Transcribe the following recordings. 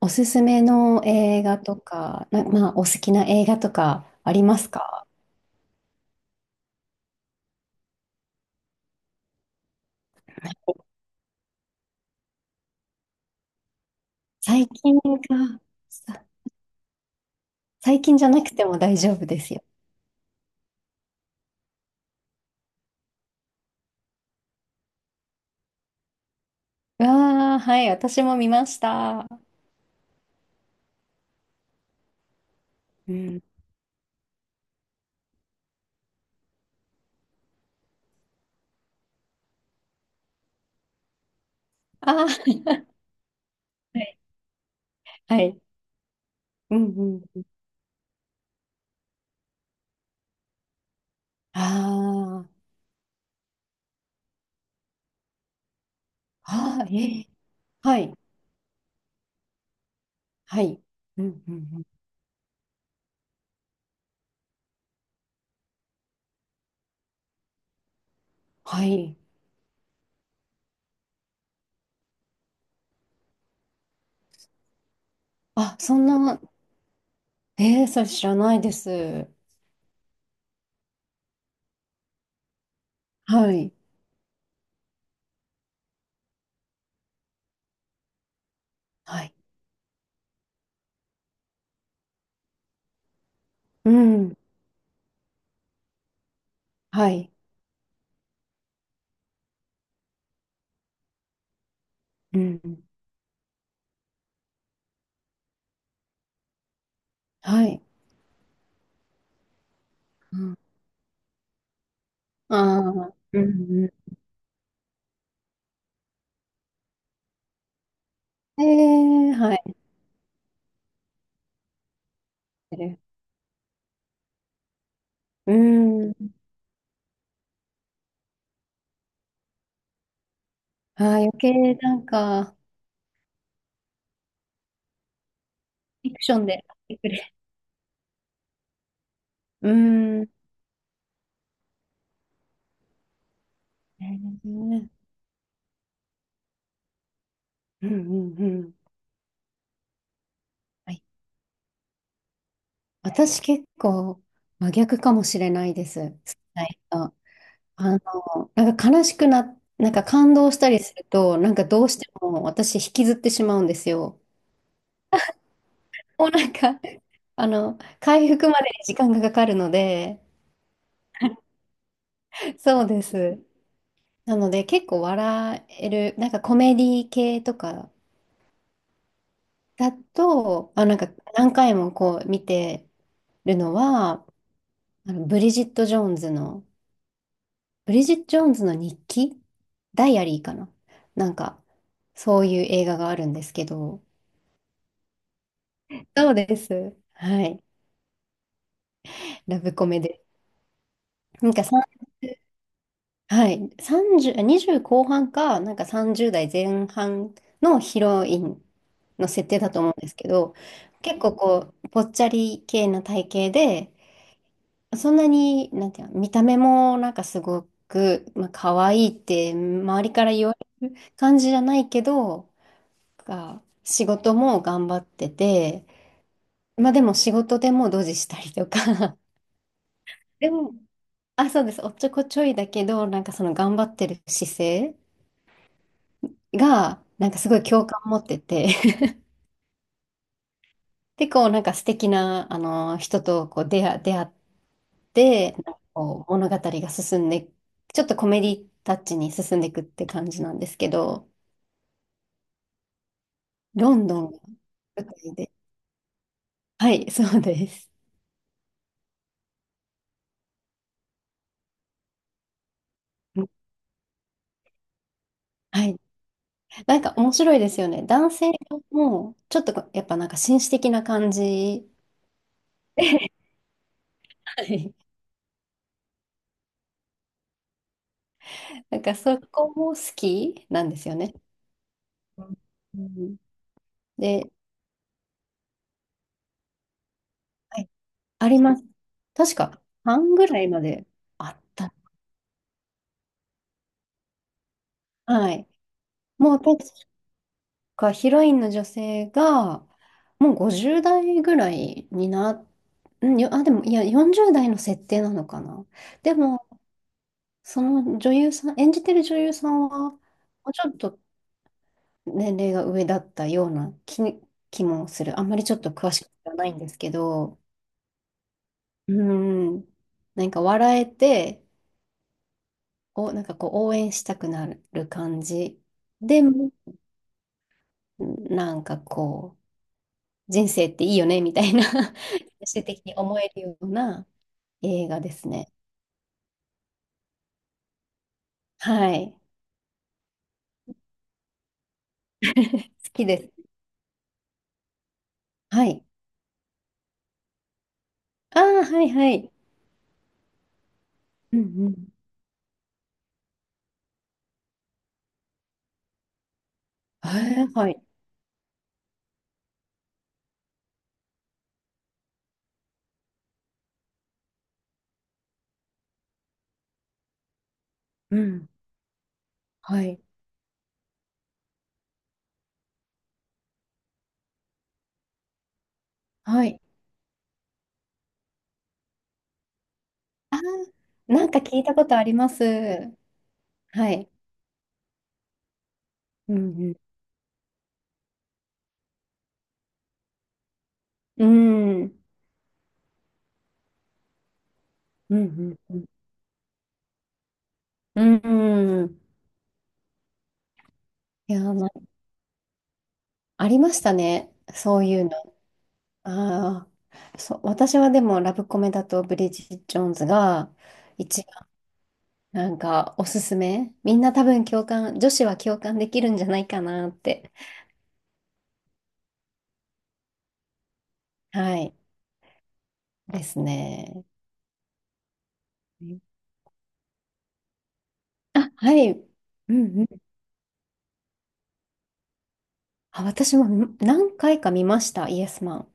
おすすめの映画とか、まあ、お好きな映画とかありますか？最近か。さ最近じゃなくても大丈夫ですよ。わあ、はい、私も見ました。うん。ああ、はい。うんうん。ああ、ああ、ええはい、はい。うんうんうん。はい。あ、そんな、ええそれ知らないです。はい、はい。うん、はい。うん、はい。うん、ああ、うんうんええはい。うーん。ああ、余計なんか、フィクションで買ってくれ。うーん。えーうんうんうん。はい。私結構真逆かもしれないです。好きな人。あの、なんか悲しくなんか感動したりすると、なんかどうしても私引きずってしまうんですよ。もうなんか、あの、回復までに時間がかかるので、そうです。なので結構笑える、なんかコメディ系とかだと、あ、なんか何回もこう見てるのは、あのブリジット・ジョーンズの、ブリジット・ジョーンズの日記ダイアリーかななんか、そういう映画があるんですけど、そうです。はい。ラブコメで。なんかさん、はい。30、20後半か、なんか30代前半のヒロインの設定だと思うんですけど、結構こう、ぽっちゃり系な体型で、そんなに、なんていうの、見た目もなんかすごく、まあ、可愛いって周りから言われる感じじゃないけど、が仕事も頑張ってて、まあでも仕事でもドジしたりとか、でも、あ、そうです、おっちょこちょいだけど、なんかその頑張ってる姿勢が、なんかすごい共感持ってて、で、こうなんか素敵な、あの、人とこう出会って、なんかこう物語が進んで、ちょっとコメディタッチに進んでいくって感じなんですけど、ロンドンが舞台で。はい、そうです。はい。なんか面白いですよね。男性も、ちょっとこうやっぱなんか紳士的な感じで、はい。なんかそこも好きなんですよね。うんで、はい、あります。確か半ぐらいまであった。はい。もう確かヒロインの女性が、もう50代ぐらいにな、うん、よ、あ、でも、いや、40代の設定なのかな。でも、その女優さん、演じてる女優さんは、もうちょっと年齢が上だったような気もする。あんまりちょっと詳しくはないんですけど、うん、なんか笑えて、お、なんかこう応援したくなる感じ。でも、なんかこう、人生っていいよね、みたいな 最終的に思えるような映画ですね。はい。好きです。はい。ああ、はいはい。うんうん。えーはい。うん。はい。はい。あ、なんか聞いたことあります。はい。うんうん。うん。うんうんうん。うん。いや、まあ、ありましたね。そういうの。ああ。そう、私はでもラブコメだとブリジット・ジョーンズが一番なんかおすすめ。みんな多分共感、女子は共感できるんじゃないかなって。はい。ですね。あ、はい。うんうん。あ、私も何回か見ました、イエスマン。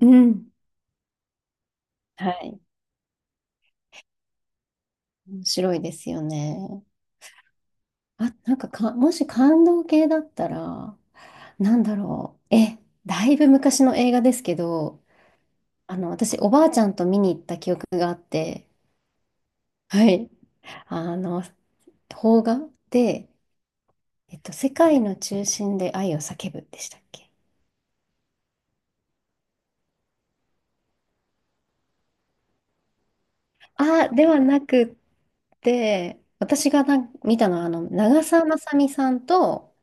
うん。はい。面白いですよね。あ、なんか、もし感動系だったら、なんだろう。だいぶ昔の映画ですけど、あの、私、おばあちゃんと見に行った記憶があって、はい。あの、邦画で、えっと、世界の中心で愛を叫ぶでしたっけ？あ、ではなくって、私が見たのは、あの、長澤まさみさんと、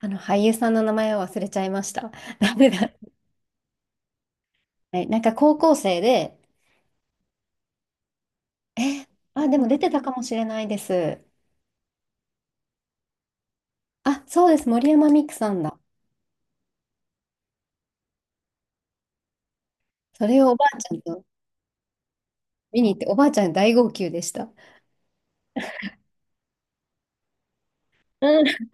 あの、俳優さんの名前を忘れちゃいました。ダメだ。はい、なんか高校生で、え、あ、でも出てたかもしれないです。あ、そうです。森山未來さんだ。それをおばあちゃんと見に行って、おばあちゃん大号泣でした。うん。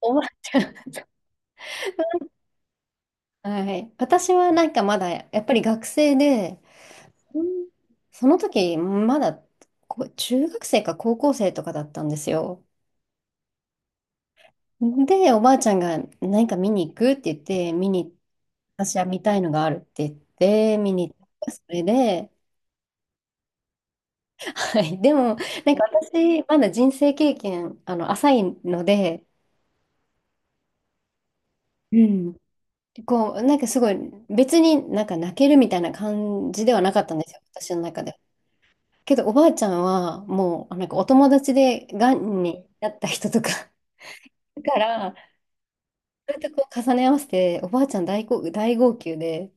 おばあちゃん。はい。私はなんかまだ、やっぱり学生で、うんその時、まだ中学生か高校生とかだったんですよ。で、おばあちゃんが何か見に行くって言って、見に、私は見たいのがあるって言って、見に行った。それで、はい、でも、なんか私、まだ人生経験、あの、浅いので、うん。こう、なんかすごい、別になんか泣けるみたいな感じではなかったんですよ、私の中で。けど、おばあちゃんは、もう、なんかお友達で、がんになった人とか だから、そうやってこう重ね合わせて、おばあちゃん大号泣で、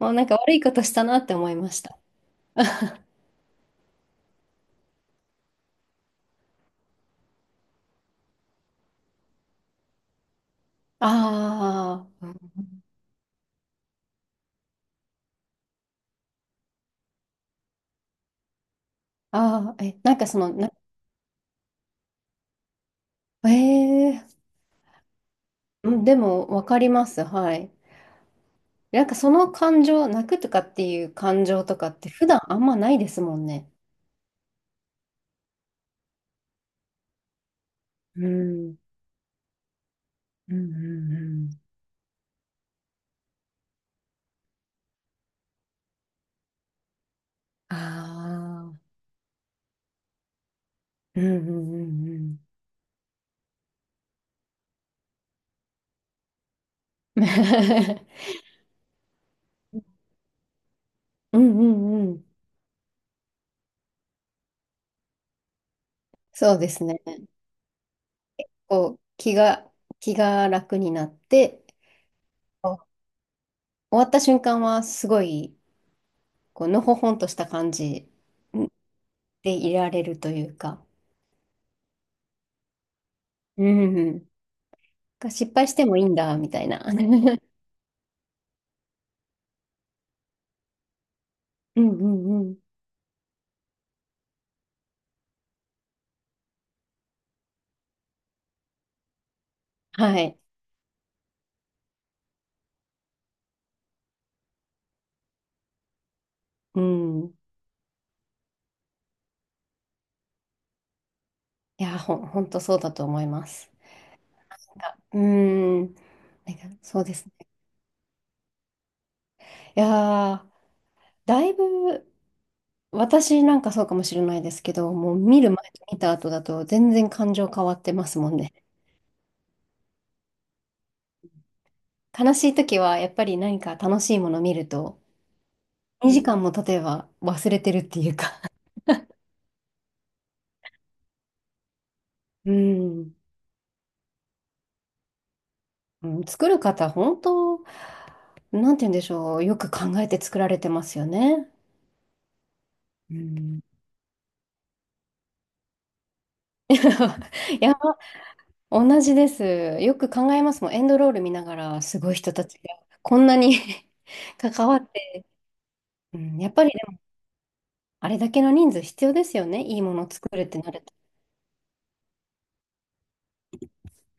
もうなんか悪いことしたなって思いました。ああ、ああ、え、なんかその、な、ええうん、でも、わかります、はい。なんかその感情、泣くとかっていう感情とかって普段あんまないですもんね。うん、うん、うん、うん。ああ、うんうんうんうん。うんうんうん。そうですね。こう、気が楽になって、こう終わった瞬間はすごい、こう、のほほんとした感じでいられるというか、うんうん。が失敗してもいいんだ、みたいな。うんうんうん。はい。うん。いや、ほんとそうだと思います。なんか、ん、なんかそうですね。いやー、だいぶ、私なんかそうかもしれないですけど、もう見る前と見た後だと全然感情変わってますもんね。悲しい時はやっぱり何か楽しいもの見ると、2時間も例えば忘れてるっていうか、うん、うん、作る方、本当、なんて言うんでしょう、よく考えて作られてますよね。うん、いや同じです。よく考えますもん。エンドロール見ながら、すごい人たちがこんなに 関わって、うん、やっぱりでもあれだけの人数必要ですよね。いいものを作るってなると。